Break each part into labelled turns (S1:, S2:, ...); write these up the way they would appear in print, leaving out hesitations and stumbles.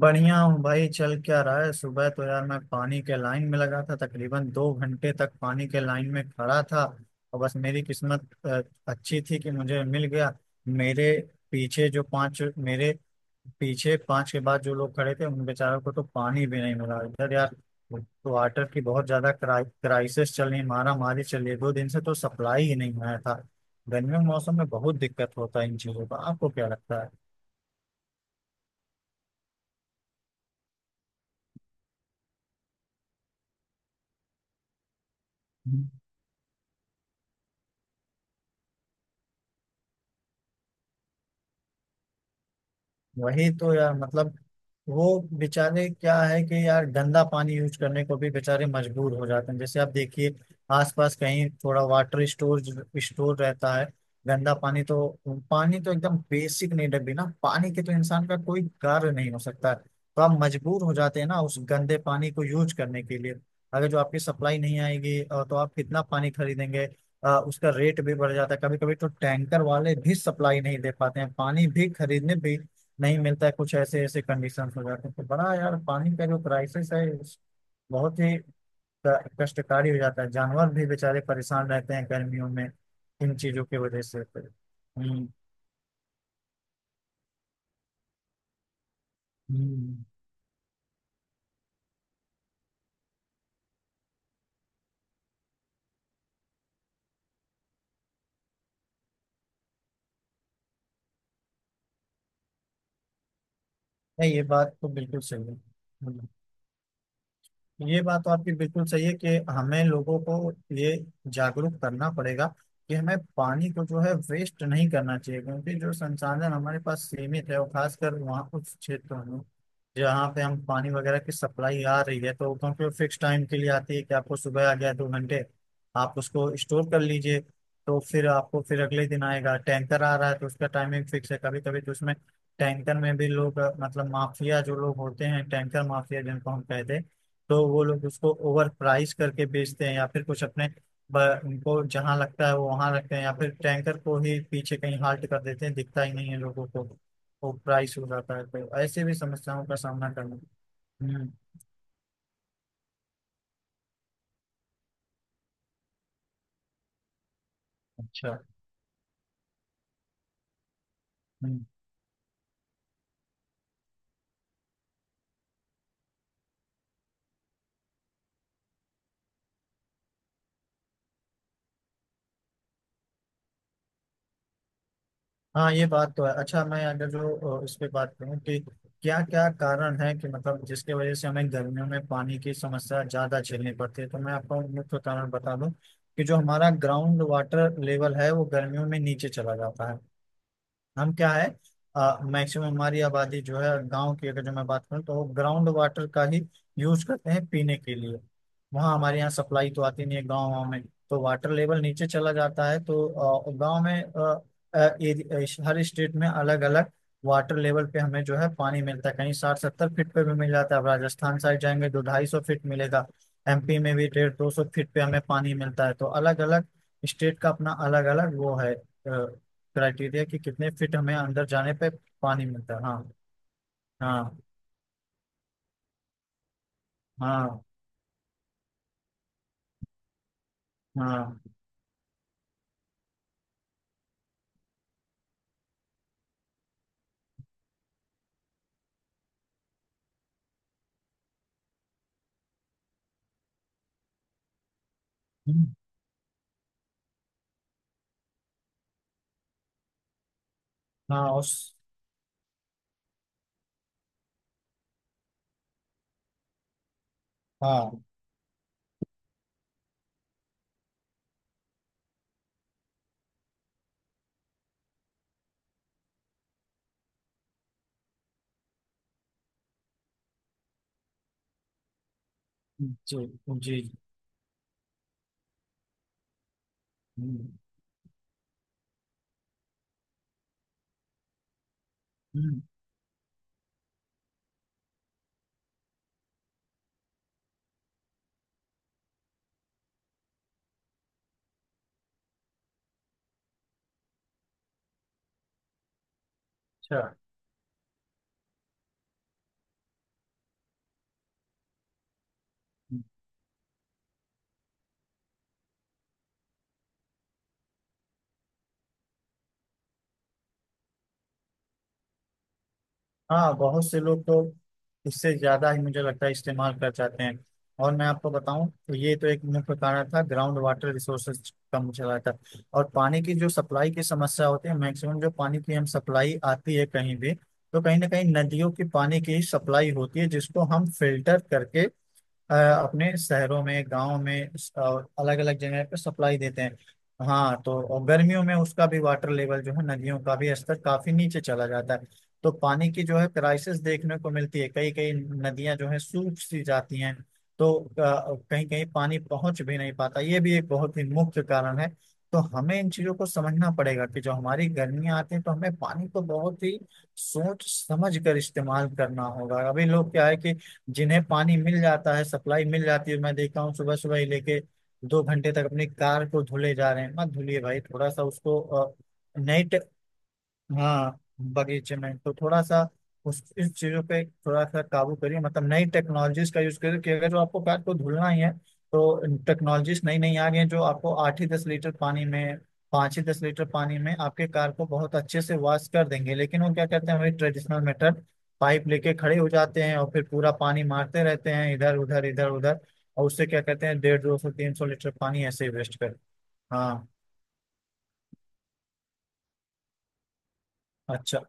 S1: बढ़िया हूँ भाई। चल क्या रहा है। सुबह तो यार मैं पानी के लाइन में लगा था, तकरीबन 2 घंटे तक पानी के लाइन में खड़ा था। और बस मेरी किस्मत अच्छी थी कि मुझे मिल गया। मेरे पीछे जो पांच मेरे पीछे पांच के बाद जो लोग खड़े थे उन बेचारों को तो पानी भी नहीं मिला इधर यार। तो वाटर की बहुत ज्यादा क्राइसिस चल रही है, मारामारी चल रही है। दो दिन से तो सप्लाई ही नहीं आया था। गर्मियों के मौसम में बहुत दिक्कत होता है इन चीजों का। आपको क्या लगता है। वही तो यार मतलब वो बेचारे क्या है कि यार गंदा पानी यूज करने को भी बेचारे मजबूर हो जाते हैं। जैसे आप देखिए आसपास कहीं थोड़ा वाटर स्टोर स्टोर रहता है गंदा पानी। पानी तो एकदम बेसिक नीड है। बिना पानी के तो इंसान का कोई कार्य नहीं हो सकता है, तो आप मजबूर हो जाते हैं ना उस गंदे पानी को यूज करने के लिए। अगर जो आपकी सप्लाई नहीं आएगी तो आप कितना पानी खरीदेंगे। उसका रेट भी बढ़ जाता है। कभी कभी तो टैंकर वाले भी सप्लाई नहीं दे पाते हैं, पानी भी खरीदने भी नहीं मिलता है। कुछ ऐसे ऐसे कंडीशंस हो जाते हैं। तो बड़ा यार पानी का जो क्राइसिस है बहुत ही कष्टकारी हो जाता है। जानवर भी बेचारे परेशान रहते हैं गर्मियों में इन चीजों की वजह से। हम्म। नहीं ये बात तो बिल्कुल सही है। ये बात तो आपकी बिल्कुल सही है कि हमें लोगों को ये जागरूक करना पड़ेगा कि हमें पानी को जो है वेस्ट नहीं करना चाहिए। क्योंकि जो संसाधन हमारे पास सीमित है, और खासकर वहाँ कुछ क्षेत्रों में जहाँ पे हम पानी वगैरह की सप्लाई आ रही है, तो क्योंकि फिक्स टाइम के लिए आती है कि आपको सुबह आ गया दो घंटे, आप उसको स्टोर कर लीजिए। तो फिर आपको फिर अगले दिन आएगा। टैंकर आ रहा है तो उसका टाइमिंग फिक्स है। कभी कभी तो उसमें टैंकर में भी लोग मतलब माफिया, जो लोग होते हैं टैंकर माफिया जिनको हम कहते हैं, तो वो लोग उसको ओवर प्राइस करके बेचते हैं। या फिर कुछ अपने उनको जहां लगता है वो वहां रखते हैं, या फिर टैंकर को ही पीछे कहीं हाल्ट कर देते हैं, दिखता ही नहीं है लोगों को। वो प्राइस हो जाता है। तो ऐसे भी समस्याओं का सामना करना। हम्म। अच्छा। हम्म। हाँ ये बात तो है। अच्छा मैं अगर जो इस पे बात करूँ कि क्या क्या कारण है कि मतलब जिसके वजह से हमें गर्मियों में पानी की समस्या ज्यादा झेलनी पड़ती है, तो मैं आपको मुख्य कारण बता दूं कि जो हमारा ग्राउंड वाटर लेवल है वो गर्मियों में नीचे चला जाता है। हम क्या है, मैक्सिमम हमारी आबादी जो है गांव की, अगर जो मैं बात करूँ, तो वो ग्राउंड वाटर का ही यूज करते हैं पीने के लिए। वहाँ हमारे यहाँ सप्लाई तो आती नहीं है गाँव में। तो वाटर लेवल नीचे चला जाता है। तो गांव में हर स्टेट में अलग अलग वाटर लेवल पे हमें जो है पानी मिलता है। कहीं 60 70 फीट पे भी मिल जाता है। अब राजस्थान साइड जाएंगे तो 250 फीट मिलेगा। एमपी में भी 150 200 फीट पे हमें पानी मिलता है। तो अलग अलग स्टेट का अपना अलग अलग वो है क्राइटेरिया कि कितने फिट हमें अंदर जाने पे पानी मिलता है। हाँ हाँ। हाँ हाँ। हम्म, हाँ उस। हाँ। जी। जी जी। हम्म। हम्म। अच्छा। हम्म। हाँ, बहुत से लोग तो इससे ज्यादा ही मुझे लगता है इस्तेमाल कर जाते हैं। और मैं आपको बताऊं तो ये तो एक मुख्य कारण था, ग्राउंड वाटर रिसोर्सेज कम चला था। और पानी की जो सप्लाई की समस्या होती है, मैक्सिमम जो पानी की हम सप्लाई आती है कहीं भी, तो कहीं ना कहीं नदियों के पानी की सप्लाई होती है जिसको हम फिल्टर करके अपने शहरों में, गांव में, अलग अलग जगह पे सप्लाई देते हैं। हाँ, तो और गर्मियों में उसका भी वाटर लेवल जो है, नदियों का भी स्तर काफी नीचे चला जाता है। तो पानी की जो है क्राइसिस देखने को मिलती है। कई कई नदियां जो है सूख सी जाती हैं। तो कहीं कहीं पानी पहुंच भी नहीं पाता। ये भी एक बहुत ही मुख्य कारण है। तो हमें इन चीजों को समझना पड़ेगा कि जो हमारी गर्मियां आती हैं, तो हमें पानी को बहुत ही सोच समझ कर इस्तेमाल करना होगा। अभी लोग क्या है कि जिन्हें पानी मिल जाता है, सप्लाई मिल जाती है, मैं देखता हूँ सुबह सुबह ही लेके 2 घंटे तक अपनी कार को धुले जा रहे हैं। मत धुलिए भाई, थोड़ा सा उसको नई टे- हाँ, बगीचे में तो थोड़ा सा उस इस चीजों पे थोड़ा सा काबू करिए। मतलब नई टेक्नोलॉजीज का यूज करिए कि अगर जो आपको कार को धुलना ही है, तो टेक्नोलॉजीज नई नई आ गई हैं जो आपको 8 ही 10 लीटर पानी में, 5 ही 10 लीटर पानी में आपके कार को बहुत अच्छे से वॉश कर देंगे। लेकिन वो क्या करते हैं, वही ट्रेडिशनल मेथड, पाइप लेके खड़े हो जाते हैं और फिर पूरा पानी मारते रहते हैं इधर उधर इधर उधर। और उससे क्या कहते हैं, 150 200 300 लीटर पानी ऐसे ही वेस्ट कर। हाँ। अच्छा।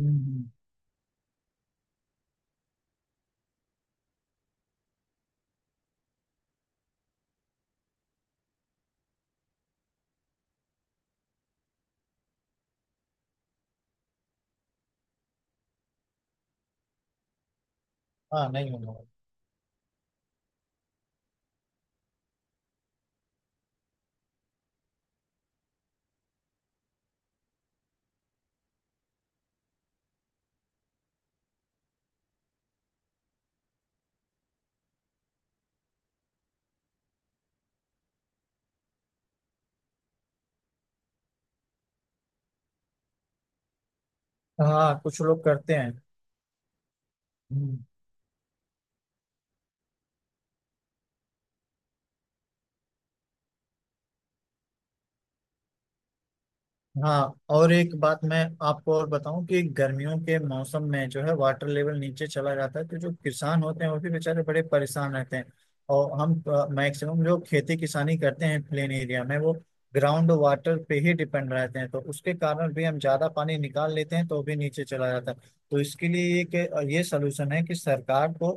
S1: हम्म। हम्म। हाँ, नहीं होगा। हाँ, कुछ लोग करते हैं। हम्म। हाँ, और एक बात मैं आपको और बताऊं कि गर्मियों के मौसम में जो है वाटर लेवल नीचे चला जाता है, तो जो किसान होते हैं वो भी बेचारे बड़े परेशान रहते हैं। और हम मैक्सिमम जो खेती किसानी करते हैं प्लेन एरिया में, वो ग्राउंड वाटर पे ही डिपेंड रहते हैं। तो उसके कारण भी हम ज्यादा पानी निकाल लेते हैं, तो भी नीचे चला जाता है। तो इसके लिए एक ये सलूशन है कि सरकार को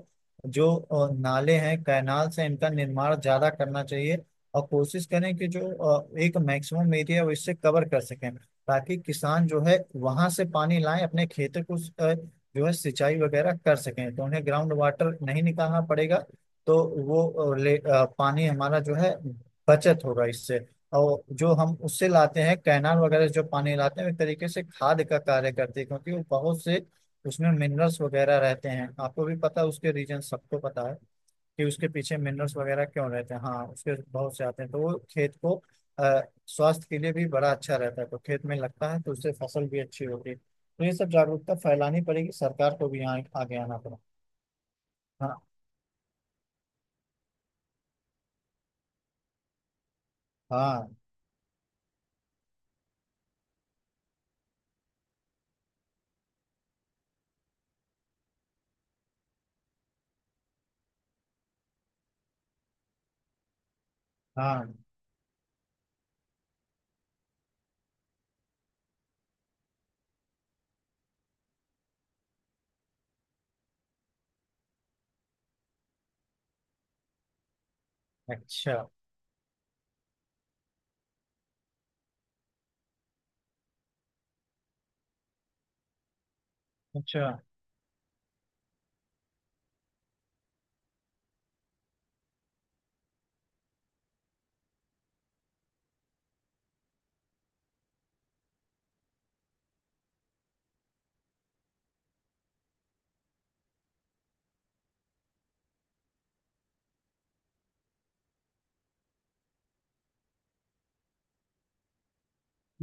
S1: जो नाले हैं कैनाल से, इनका निर्माण ज्यादा करना चाहिए। और कोशिश करें कि जो एक मैक्सिमम एरिया वो इससे कवर कर सकें, ताकि किसान जो है वहां से पानी लाएं अपने खेतों को अ, जो है सिंचाई वगैरह कर सकें, तो उन्हें ग्राउंड वाटर नहीं निकालना पड़ेगा। तो वो पानी हमारा जो है बचत होगा इससे। और जो हम उससे लाते हैं कैनाल वगैरह से, जो पानी लाते हैं, एक तरीके से खाद का कार्य करते हैं। क्योंकि वो बहुत से, उसमें मिनरल्स वगैरह रहते हैं। आपको भी पता है, उसके रीजन सबको पता है कि उसके पीछे मिनरल्स वगैरह क्यों रहते हैं। हाँ, उसके बहुत से आते हैं, तो वो खेत को अ, स्वास्थ्य के लिए भी बड़ा अच्छा रहता है। तो खेत में लगता है तो उससे फसल भी अच्छी होती है। तो ये सब जागरूकता फैलानी पड़ेगी, सरकार को भी यहाँ आगे आना पड़ेगा। हाँ हाँ हाँ। अच्छा। अच्छा।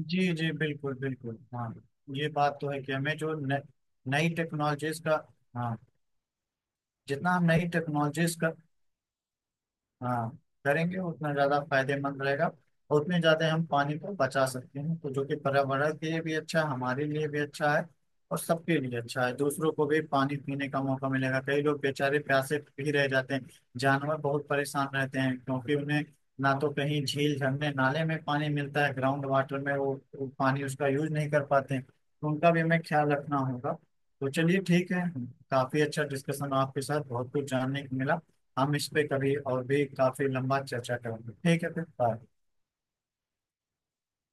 S1: जी जी। बिल्कुल बिल्कुल। हाँ, ये बात तो है कि हमें जो नई टेक्नोलॉजीज का। हाँ, जितना हम नई टेक्नोलॉजीज का, हाँ करेंगे उतना ज्यादा फायदेमंद रहेगा। और उतने ज्यादा हम पानी को बचा सकते हैं, तो जो कि पर्यावरण के लिए भी अच्छा है, हमारे लिए भी अच्छा है, और सबके लिए अच्छा है। दूसरों को भी पानी पीने का मौका मिलेगा। कई लोग बेचारे प्यासे भी रह जाते हैं। जानवर बहुत परेशान रहते हैं, क्योंकि उन्हें ना तो कहीं झील झरने नाले में पानी मिलता है, ग्राउंड वाटर में वो पानी उसका यूज नहीं कर पाते हैं। तो उनका भी हमें ख्याल रखना होगा। तो चलिए ठीक है, काफी अच्छा डिस्कशन आपके साथ, बहुत कुछ जानने को मिला। हम इस पे कभी और भी काफी लंबा चर्चा करेंगे। ठीक है, फिर बाय।